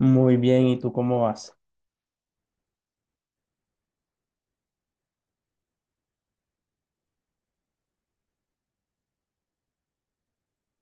Muy bien, ¿y tú cómo vas?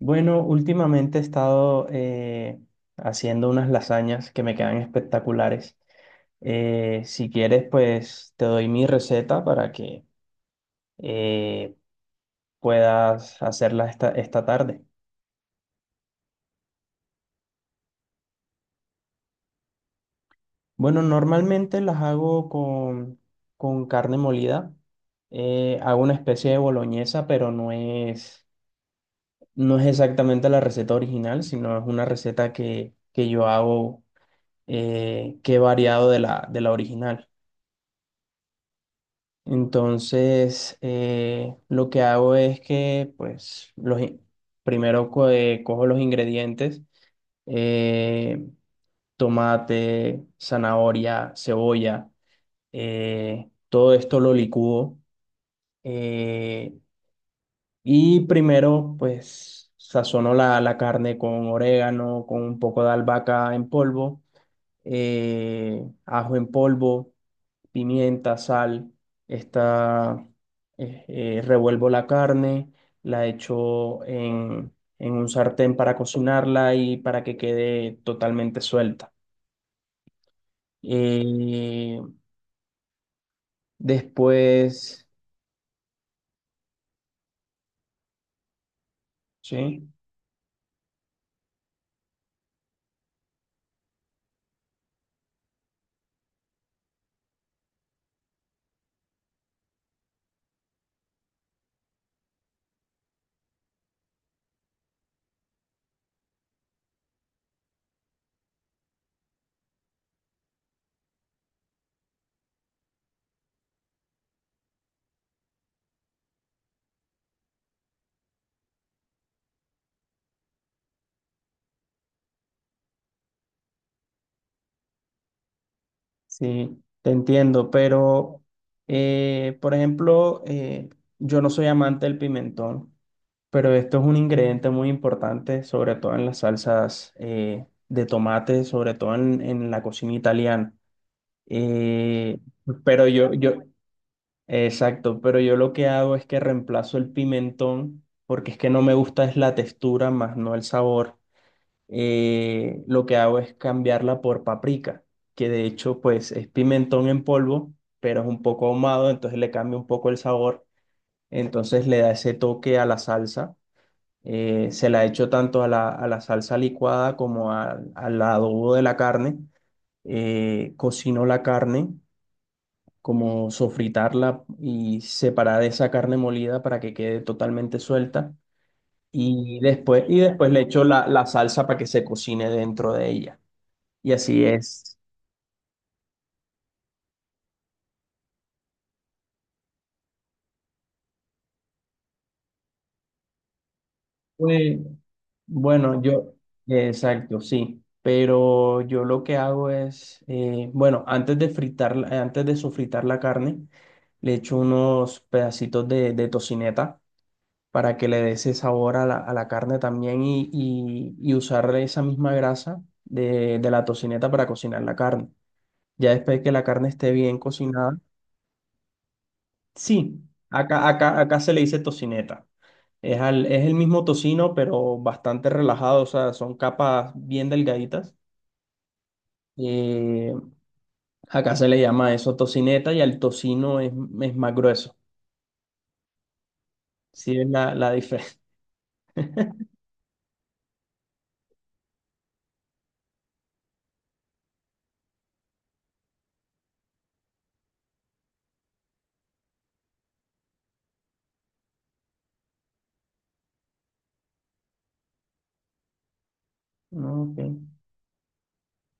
Bueno, últimamente he estado haciendo unas lasañas que me quedan espectaculares. Si quieres, pues te doy mi receta para que eh, puedas hacerlas esta tarde. Bueno, normalmente las hago con carne molida. Hago una especie de boloñesa, pero no es exactamente la receta original, sino es una receta que yo hago que he variado de de la original. Entonces, lo que hago es que, pues, primero cojo los ingredientes, eh, tomate, zanahoria, cebolla, todo esto lo licúo eh, y primero, pues, sazono la carne con orégano, con un poco de albahaca en polvo, ajo en polvo, pimienta, sal, esta, revuelvo la carne, la echo en un sartén para cocinarla y para que quede totalmente suelta. Eh, después, sí, sí, te entiendo, pero, por ejemplo, yo no soy amante del pimentón. Pero esto es un ingrediente muy importante, sobre todo en las salsas de tomate, sobre todo en la cocina italiana. Y, bueno, exacto, pero yo lo que hago es que reemplazo el pimentón porque es que no me gusta es la textura más no el sabor. Lo que hago es cambiarla por paprika, que de hecho pues es pimentón en polvo, pero es un poco ahumado, entonces le cambia un poco el sabor, entonces le da ese toque a la salsa. Se la echo tanto a a la salsa licuada como al adobo de la carne. Cocino la carne, como sofritarla y separar esa carne molida para que quede totalmente suelta. Y después le echo la salsa para que se cocine dentro de ella. Y así es. Pues, bueno, yo, exacto, sí. Pero yo lo que hago es, bueno, antes de fritar, antes de sofritar la carne, le echo unos pedacitos de tocineta para que le dé ese sabor a a la carne también y usar esa misma grasa de la tocineta para cocinar la carne. Ya después de que la carne esté bien cocinada, sí, acá se le dice tocineta. Es, es el mismo tocino, pero bastante relajado, o sea, son capas bien delgaditas. Eh, acá se le llama eso tocineta y al tocino es más grueso. Sí, es la diferencia. Ok.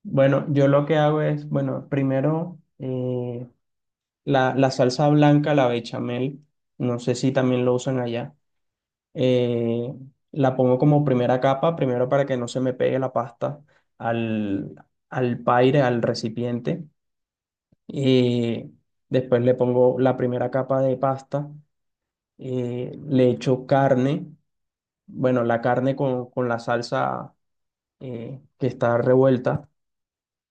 Bueno, yo lo que hago es, bueno, primero, la salsa blanca, la bechamel, no sé si también lo usan allá. Eh, la pongo como primera capa, primero para que no se me pegue la pasta al, al recipiente. Y después le pongo la primera capa de pasta, le echo carne, bueno, la carne con la salsa que está revuelta.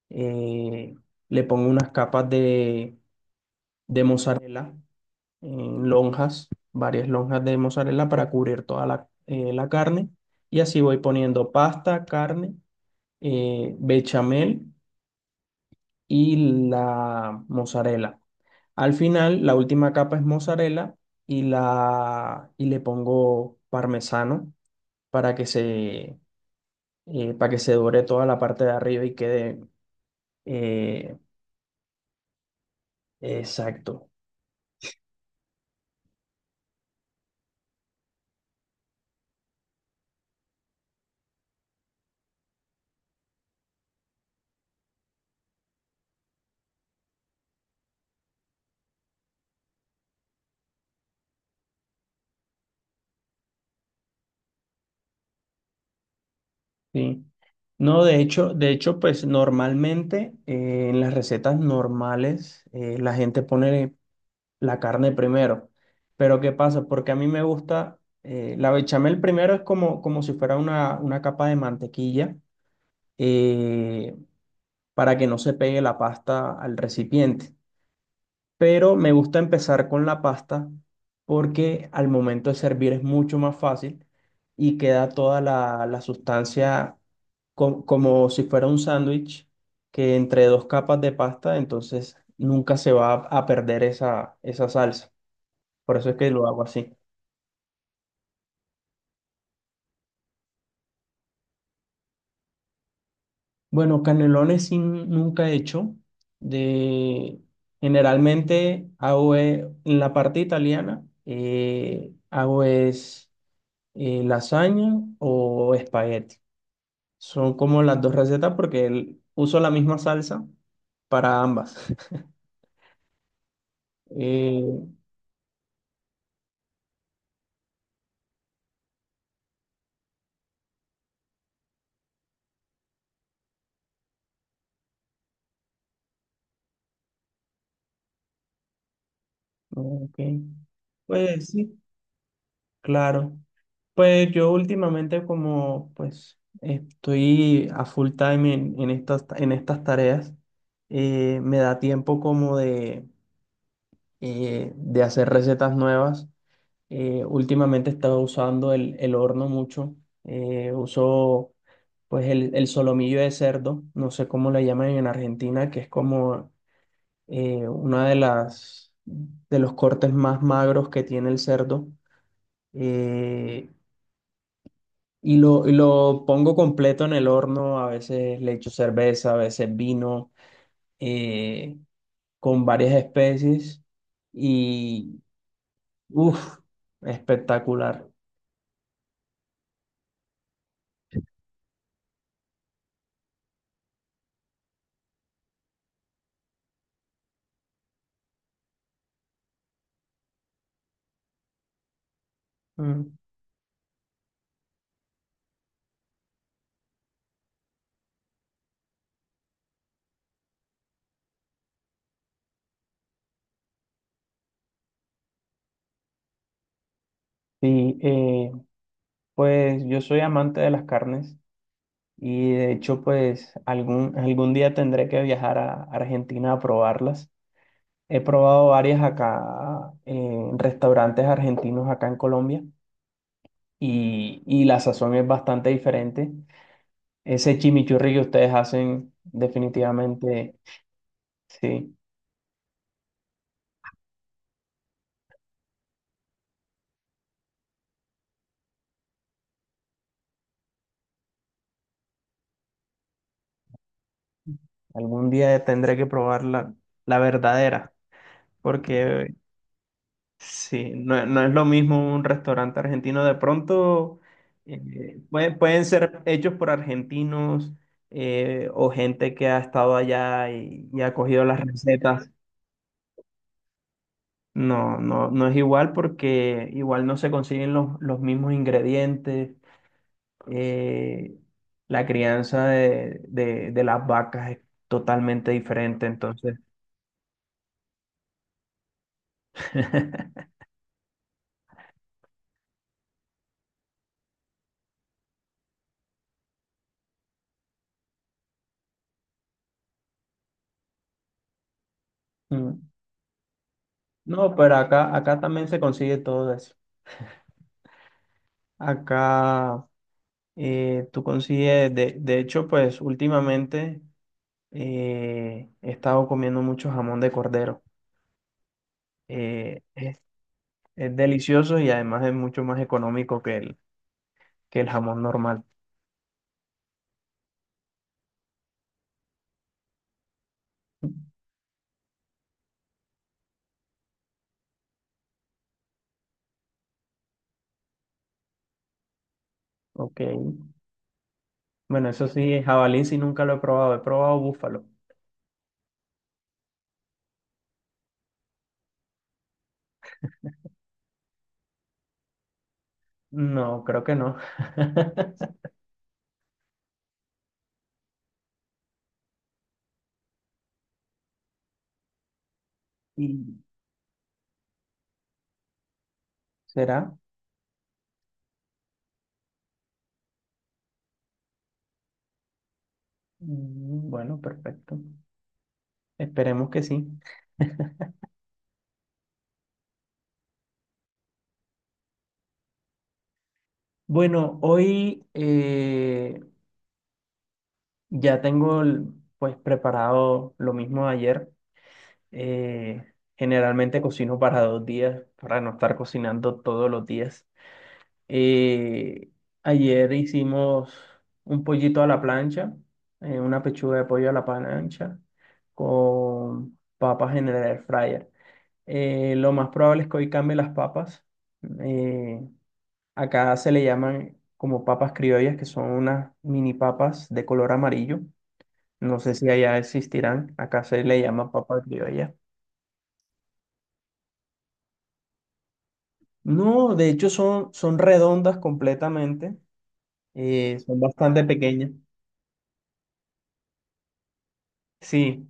eh, Le pongo unas capas de mozzarella en lonjas, varias lonjas de mozzarella para cubrir toda la carne. Y así voy poniendo pasta, carne, bechamel y la mozzarella. Al final, la última capa es mozzarella y le pongo parmesano para que para que se dore toda la parte de arriba y quede eh, exacto. Sí. No, de hecho, pues normalmente, en las recetas normales, la gente pone la carne primero. Pero ¿qué pasa? Porque a mí me gusta, la bechamel primero es como, como si fuera una capa de mantequilla eh, para que no se pegue la pasta al recipiente, pero me gusta empezar con la pasta porque al momento de servir es mucho más fácil y queda toda la sustancia, como si fuera un sándwich, que entre dos capas de pasta, entonces nunca se va a perder esa salsa. Por eso es que lo hago así. Bueno, canelones sí nunca he hecho. De, Generalmente hago en la parte italiana, hago es y lasaña o espagueti. Son como las dos recetas porque uso la misma salsa para ambas. Eh, ok. Pues sí, claro. Pues yo últimamente como pues estoy a full time en estas tareas, me da tiempo como de hacer recetas nuevas. Últimamente estaba usando el horno mucho. Uso pues el solomillo de cerdo, no sé cómo le llaman en Argentina, que es como una de las de los cortes más magros que tiene el cerdo. Eh, y lo pongo completo en el horno, a veces le echo cerveza, a veces vino, eh, con varias especies. Y uff, Espectacular. Mm. Sí, pues yo soy amante de las carnes y de hecho pues algún día tendré que viajar a Argentina a probarlas. He probado varias acá en restaurantes argentinos acá en Colombia y la sazón es bastante diferente. Ese chimichurri que ustedes hacen definitivamente, sí, algún día tendré que probar la verdadera porque… Sí, no, no es lo mismo un restaurante argentino. De pronto pueden ser hechos por argentinos, o gente que ha estado allá y ha cogido las recetas. No, no, no es igual porque igual no se consiguen los mismos ingredientes. eh, la crianza de las vacas es totalmente diferente, entonces. Mm. No, pero acá también se consigue todo eso. Acá. Tú consigues, de hecho, pues últimamente he estado comiendo mucho jamón de cordero. Eh, es, es delicioso y además es mucho más económico que que el jamón normal. Ok. Bueno, eso sí, jabalí sí nunca lo he probado. He probado búfalo. No, creo que no. ¿Y será? Mm, bueno, perfecto. Esperemos que sí. Bueno, hoy, ya tengo pues preparado lo mismo de ayer. Eh, generalmente cocino para dos días, para no estar cocinando todos los días. Eh, Ayer hicimos un pollito a la plancha, una pechuga de pollo a la plancha con papas en el air fryer. Lo más probable es que hoy cambie las papas. Eh, acá se le llaman como papas criollas, que son unas mini papas de color amarillo. No sé si allá existirán. Acá se le llama papa criolla. No, de hecho son, son redondas completamente. Son bastante pequeñas. Sí,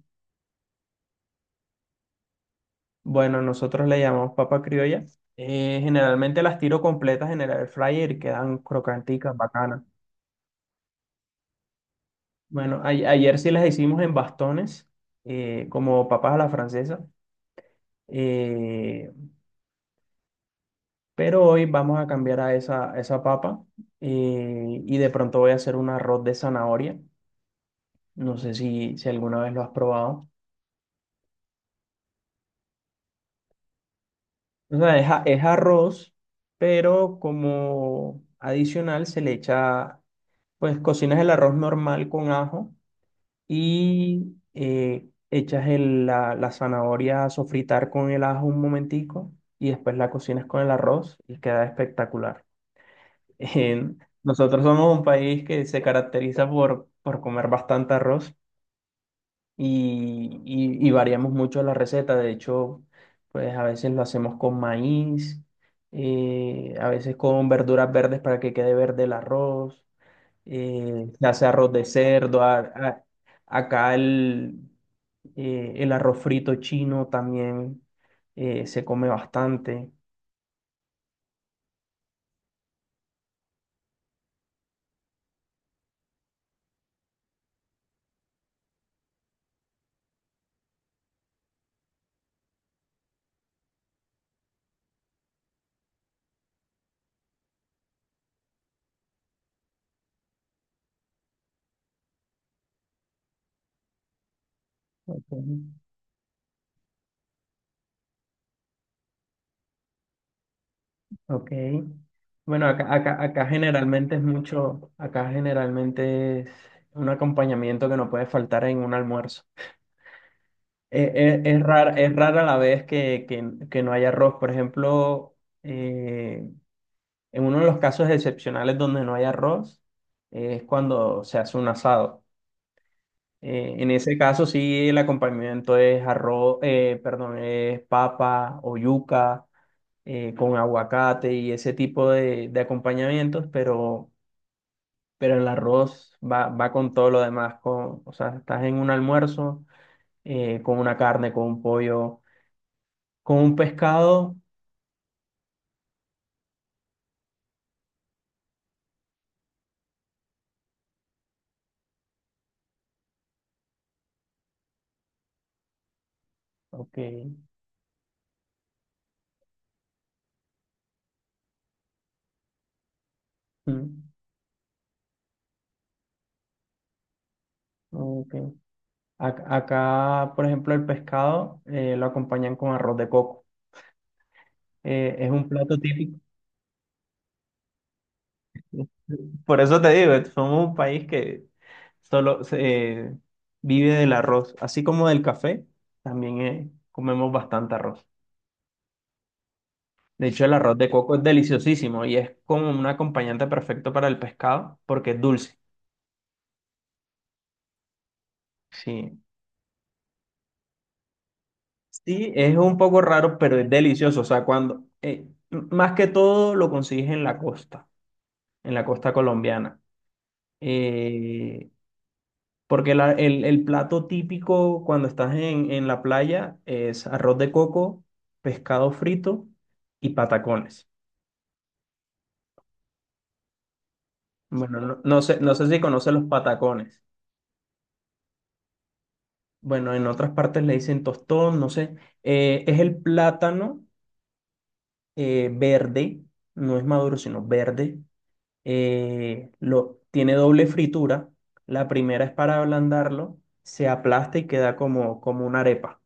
bueno, nosotros le llamamos papa criolla. Generalmente las tiro completas en el air fryer y quedan crocanticas, bacanas. Bueno, ay, ayer sí las hicimos en bastones, como papas a la francesa. eh, pero hoy vamos a cambiar a esa papa, y de pronto voy a hacer un arroz de zanahoria. No sé si alguna vez lo has probado. O sea, es arroz, pero como adicional se le echa, pues cocinas el arroz normal con ajo y, echas la zanahoria a sofritar con el ajo un momentico, y después la cocinas con el arroz y queda espectacular. En- nosotros somos un país que se caracteriza por comer bastante arroz. Y variamos mucho la receta. De hecho, pues a veces lo hacemos con maíz, a veces con verduras verdes para que quede verde el arroz, se hace arroz de cerdo, acá el arroz frito chino también se come bastante. Ok, ok. Bueno, acá generalmente es mucho, acá generalmente es un acompañamiento que no puede faltar en un almuerzo. Es, rara, es rara la vez que no hay arroz. Por ejemplo, eh, en uno de los casos excepcionales donde no hay arroz, es cuando se hace un asado. En ese caso sí el acompañamiento es arroz, perdón, es papa o yuca, con aguacate y ese tipo de acompañamientos, pero el arroz va con todo lo demás. Con, o sea, estás en un almuerzo con una carne, con un pollo. Con un pescado, ok. Mm, ok. Ac- Acá, por ejemplo, el pescado lo acompañan con arroz de coco. Es un plato típico. Por eso te digo, somos un país que solo se, eh, vive del arroz, así como del café, también comemos bastante arroz. De hecho, el arroz de coco es deliciosísimo y es como un acompañante perfecto para el pescado porque es dulce. Sí. Sí, es un poco raro, pero es delicioso. O sea, cuando, más que todo lo consigues en la costa colombiana. Eh, Porque el plato típico cuando estás en la playa es arroz de coco, pescado frito y patacones. Bueno, no sé si conoces los patacones. Bueno, en otras partes le dicen tostón, no sé. Es el plátano verde, no es maduro, sino verde. Tiene doble fritura. La primera es para ablandarlo, se aplasta y queda como, como una arepa,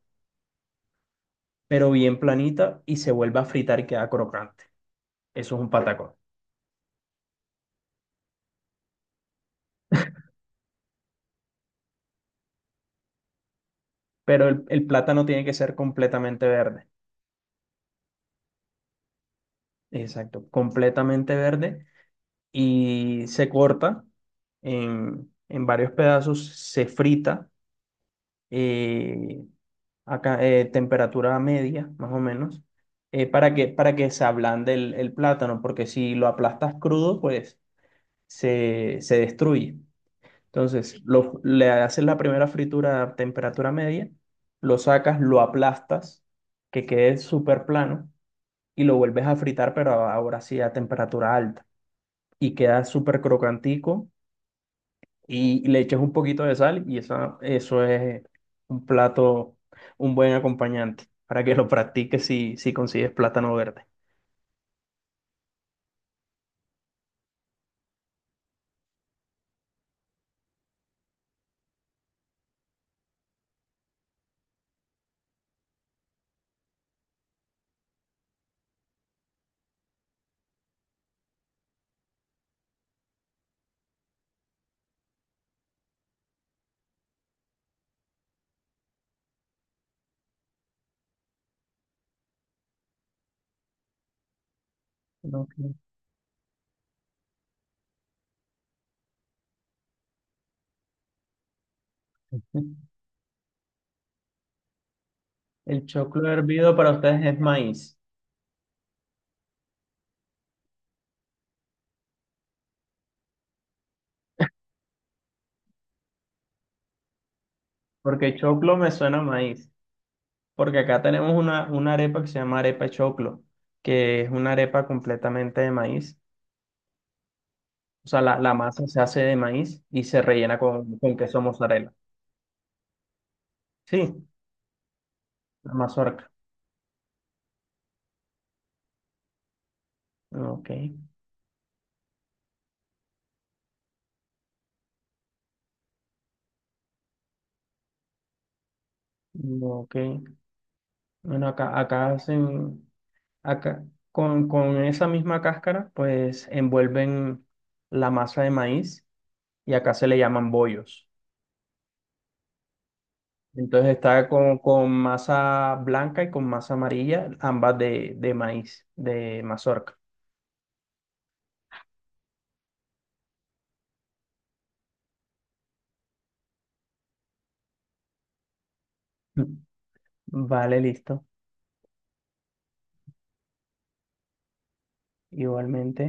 pero bien planita y se vuelve a fritar y queda crocante. Eso es un patacón. Pero el plátano tiene que ser completamente verde. Exacto, completamente verde, y se corta en varios pedazos, se frita eh, temperatura media, más o menos, para que se ablande el plátano, porque si lo aplastas crudo, pues se destruye. Entonces, le haces la primera fritura a temperatura media, lo sacas, lo aplastas, que quede súper plano, y lo vuelves a fritar, pero ahora sí a temperatura alta. Y queda súper crocantico, y le echas un poquito de sal, eso es un plato, un buen acompañante para que lo practiques si consigues plátano verde. Ok. El choclo hervido para ustedes es maíz, porque choclo me suena a maíz, porque acá tenemos una arepa que se llama arepa choclo, que es una arepa completamente de maíz. O sea, la masa se hace de maíz y se rellena con queso mozzarella. Sí, la mazorca. Ok, ok. Bueno, acá, con esa misma cáscara, pues envuelven la masa de maíz y acá se le llaman bollos. Entonces está con masa blanca y con masa amarilla, ambas de maíz, de mazorca. Mm. Vale, listo. Igualmente.